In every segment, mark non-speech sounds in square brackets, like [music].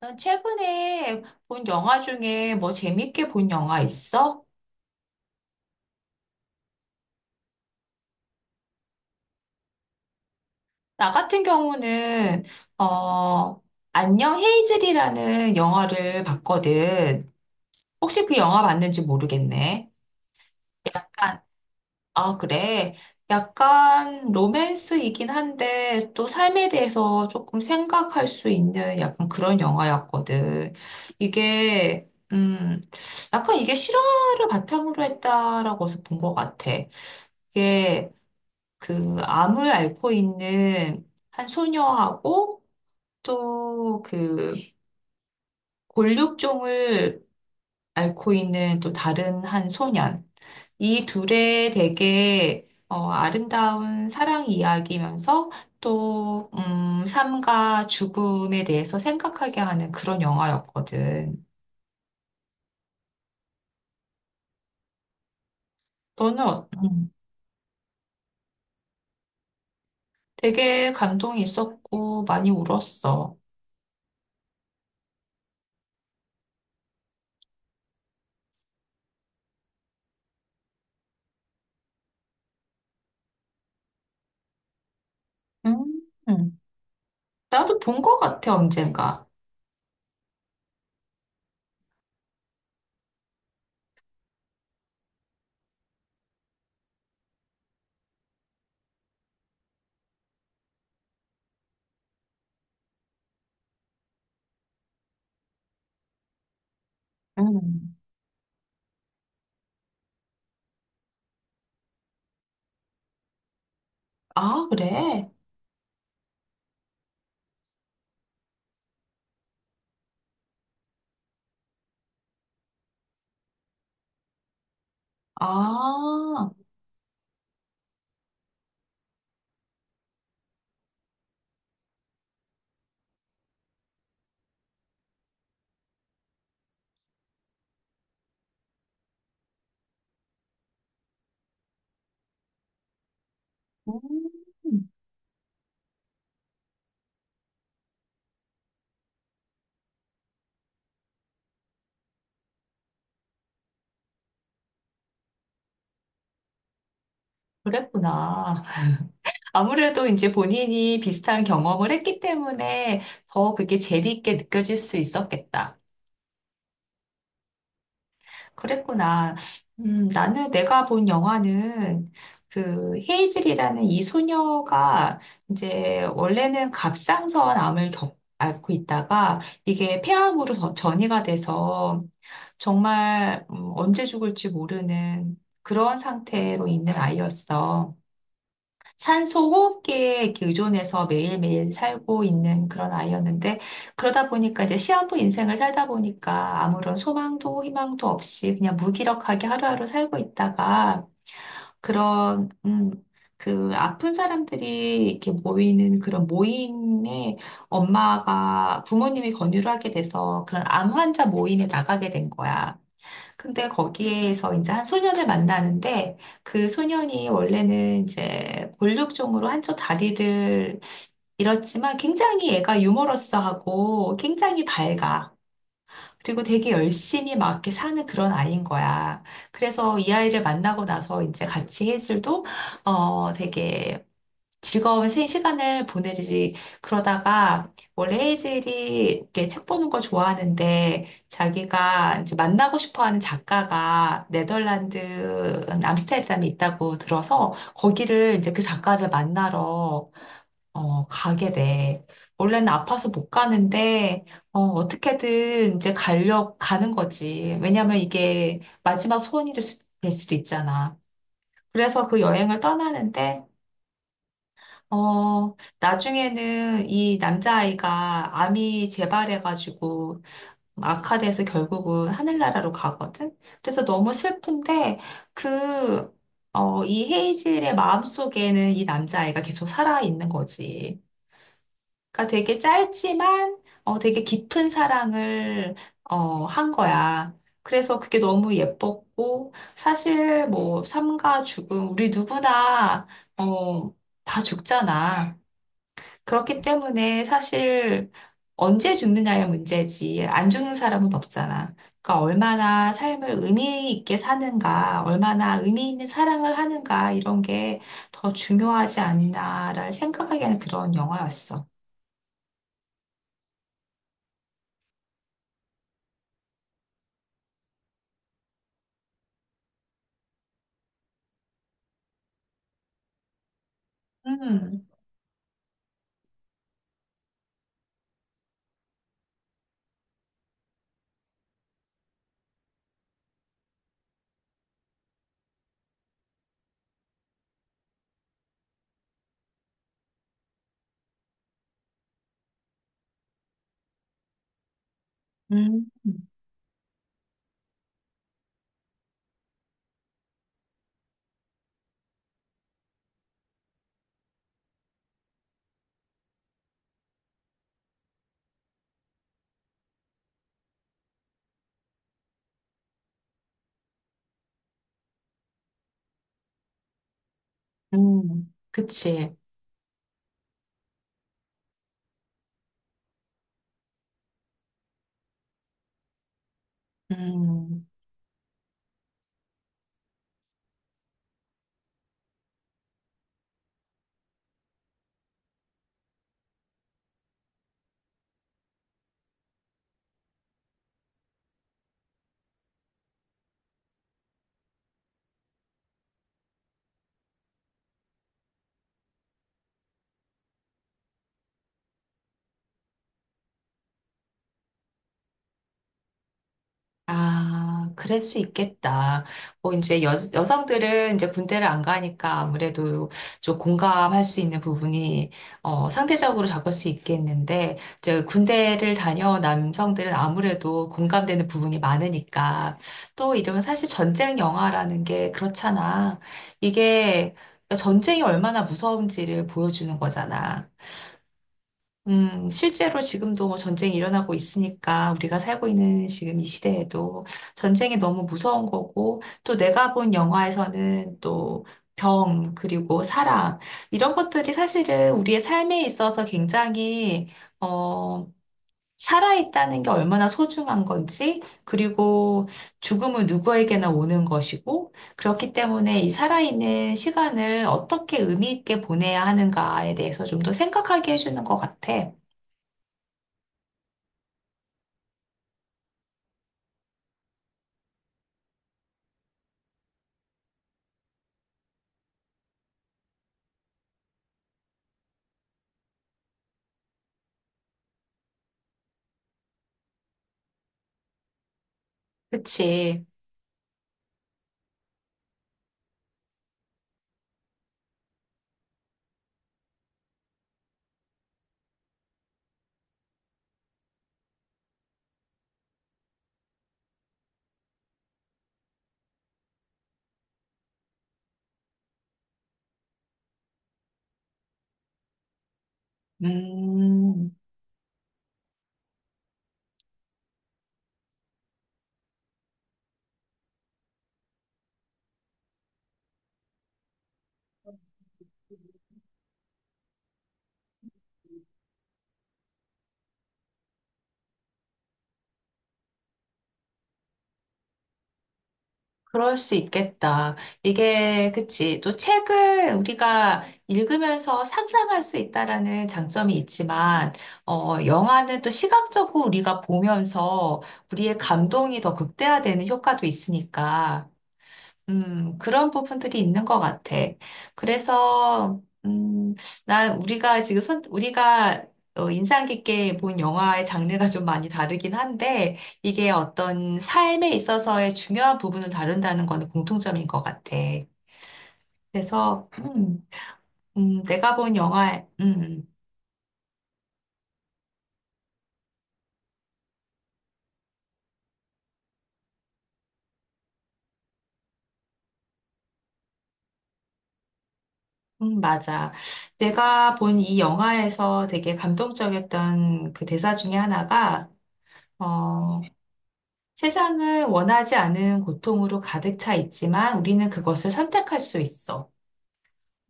넌 최근에 본 영화 중에 뭐 재밌게 본 영화 있어? 나 같은 경우는, 어, 안녕 헤이즐이라는 영화를 봤거든. 혹시 그 영화 봤는지 모르겠네. 약간, 아, 그래. 약간 로맨스이긴 한데 또 삶에 대해서 조금 생각할 수 있는 약간 그런 영화였거든. 이게, 약간 이게 실화를 바탕으로 했다라고 해서 본 것 같아. 이게 그 암을 앓고 있는 한 소녀하고 또 그 골육종을 앓고 있는 또 다른 한 소년. 이 둘의 되게 아름다운 사랑 이야기면서 또, 삶과 죽음에 대해서 생각하게 하는 그런 영화였거든. 너는 어- 음, 되게 감동이 있었고 많이 울었어. 음, 나도 본 것 같아, 언젠가. 음. 아, 그래? 아, 음, 그랬구나. [laughs] 아무래도 이제 본인이 비슷한 경험을 했기 때문에 더 그게 재미있게 느껴질 수 있었겠다. 그랬구나. 나는 내가 본 영화는 그 헤이즐이라는 이 소녀가 이제 원래는 갑상선 암을 앓고 있다가 이게 폐암으로 더 전이가 돼서 정말 언제 죽을지 모르는 그런 상태로 있는 아이였어. 산소 호흡기에 이렇게 의존해서 매일매일 살고 있는 그런 아이였는데, 그러다 보니까 이제 시한부 인생을 살다 보니까 아무런 소망도 희망도 없이 그냥 무기력하게 하루하루 살고 있다가, 그런, 그 아픈 사람들이 이렇게 모이는 그런 모임에 엄마가 부모님이 권유를 하게 돼서 그런 암 환자 모임에 나가게 된 거야. 근데 거기에서 이제 한 소년을 만나는데 그 소년이 원래는 이제 골육종으로 한쪽 다리를 잃었지만 굉장히 얘가 유머러스하고 굉장히 밝아. 그리고 되게 열심히 막 이렇게 사는 그런 아이인 거야. 그래서 이 아이를 만나고 나서 이제 같이 해줄도 되게 즐거운 생 시간을 보내지. 그러다가 원래 헤이즐이 이렇게 책 보는 걸 좋아하는데 자기가 이제 만나고 싶어 하는 작가가 네덜란드 암스테르담에 있다고 들어서 거기를 이제 그 작가를 만나러 가게 돼. 원래는 아파서 못 가는데 어떻게든 이제 가려 가는 거지. 왜냐면 이게 마지막 소원이 될 수도 있잖아. 그래서 그 여행을 떠나는데 어, 나중에는 이 남자아이가 암이 재발해가지고 악화돼서 결국은 하늘나라로 가거든? 그래서 너무 슬픈데, 그, 이 헤이즐의 마음속에는 이 남자아이가 계속 살아있는 거지. 그러니까 되게 짧지만, 되게 깊은 사랑을, 한 거야. 그래서 그게 너무 예뻤고, 사실 뭐, 삶과 죽음, 우리 누구나, 어, 다 죽잖아. 그렇기 때문에 사실 언제 죽느냐의 문제지 안 죽는 사람은 없잖아. 그러니까 얼마나 삶을 의미 있게 사는가, 얼마나 의미 있는 사랑을 하는가 이런 게 더 중요하지 않나를 생각하게 하는 그런 영화였어. 음, 음, 그치. 음. 아, 그럴 수 있겠다. 뭐, 이제 여성들은 이제 군대를 안 가니까 아무래도 좀 공감할 수 있는 부분이, 상대적으로 적을 수 있겠는데, 이제 군대를 다녀온 남성들은 아무래도 공감되는 부분이 많으니까, 또 이러면 사실 전쟁 영화라는 게 그렇잖아. 이게 그러니까 전쟁이 얼마나 무서운지를 보여주는 거잖아. 실제로 지금도 뭐 전쟁이 일어나고 있으니까 우리가 살고 있는 지금 이 시대에도 전쟁이 너무 무서운 거고 또 내가 본 영화에서는 또 병, 그리고 사랑, 이런 것들이 사실은 우리의 삶에 있어서 굉장히, 어, 살아있다는 게 얼마나 소중한 건지, 그리고 죽음은 누구에게나 오는 것이고, 그렇기 때문에 이 살아있는 시간을 어떻게 의미 있게 보내야 하는가에 대해서 좀 더 생각하게 해주는 것 같아. 그치. 음, 그럴 수 있겠다. 이게, 그치. 또 책을 우리가 읽으면서 상상할 수 있다라는 장점이 있지만, 영화는 또 시각적으로 우리가 보면서 우리의 감동이 더 극대화되는 효과도 있으니까, 그런 부분들이 있는 것 같아. 그래서, 난 우리가 지금 우리가 인상 깊게 본 영화의 장르가 좀 많이 다르긴 한데, 이게 어떤 삶에 있어서의 중요한 부분을 다룬다는 거는 공통점인 것 같아. 그래서, 내가 본 영화, 맞아. 내가 본 이 영화에서 되게 감동적이었던 그 대사 중에 하나가, 어, 세상은 원하지 않은 고통으로 가득 차 있지만 우리는 그것을 선택할 수 있어.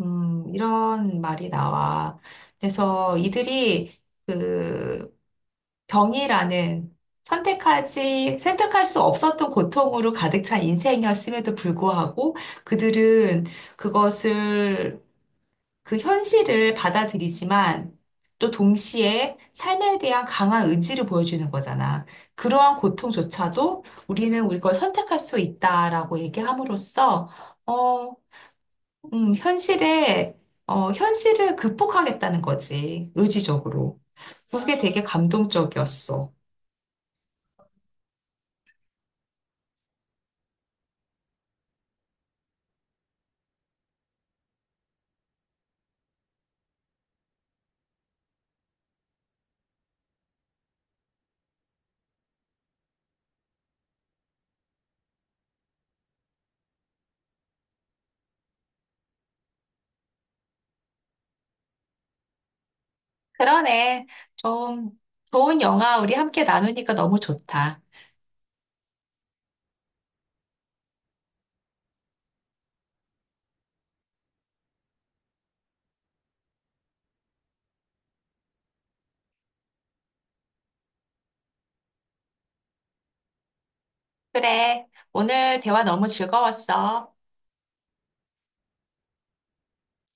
이런 말이 나와. 그래서 이들이 그 병이라는 선택할 수 없었던 고통으로 가득 찬 인생이었음에도 불구하고 그들은 그것을 그 현실을 받아들이지만 또 동시에 삶에 대한 강한 의지를 보여주는 거잖아. 그러한 고통조차도 우리는 우리 걸 선택할 수 있다라고 얘기함으로써, 어, 음, 현실에, 현실을 극복하겠다는 거지. 의지적으로. 그게 되게 감동적이었어. 그러네. 좀 좋은 영화 우리 함께 나누니까 너무 좋다. 그래. 오늘 대화 너무 즐거웠어.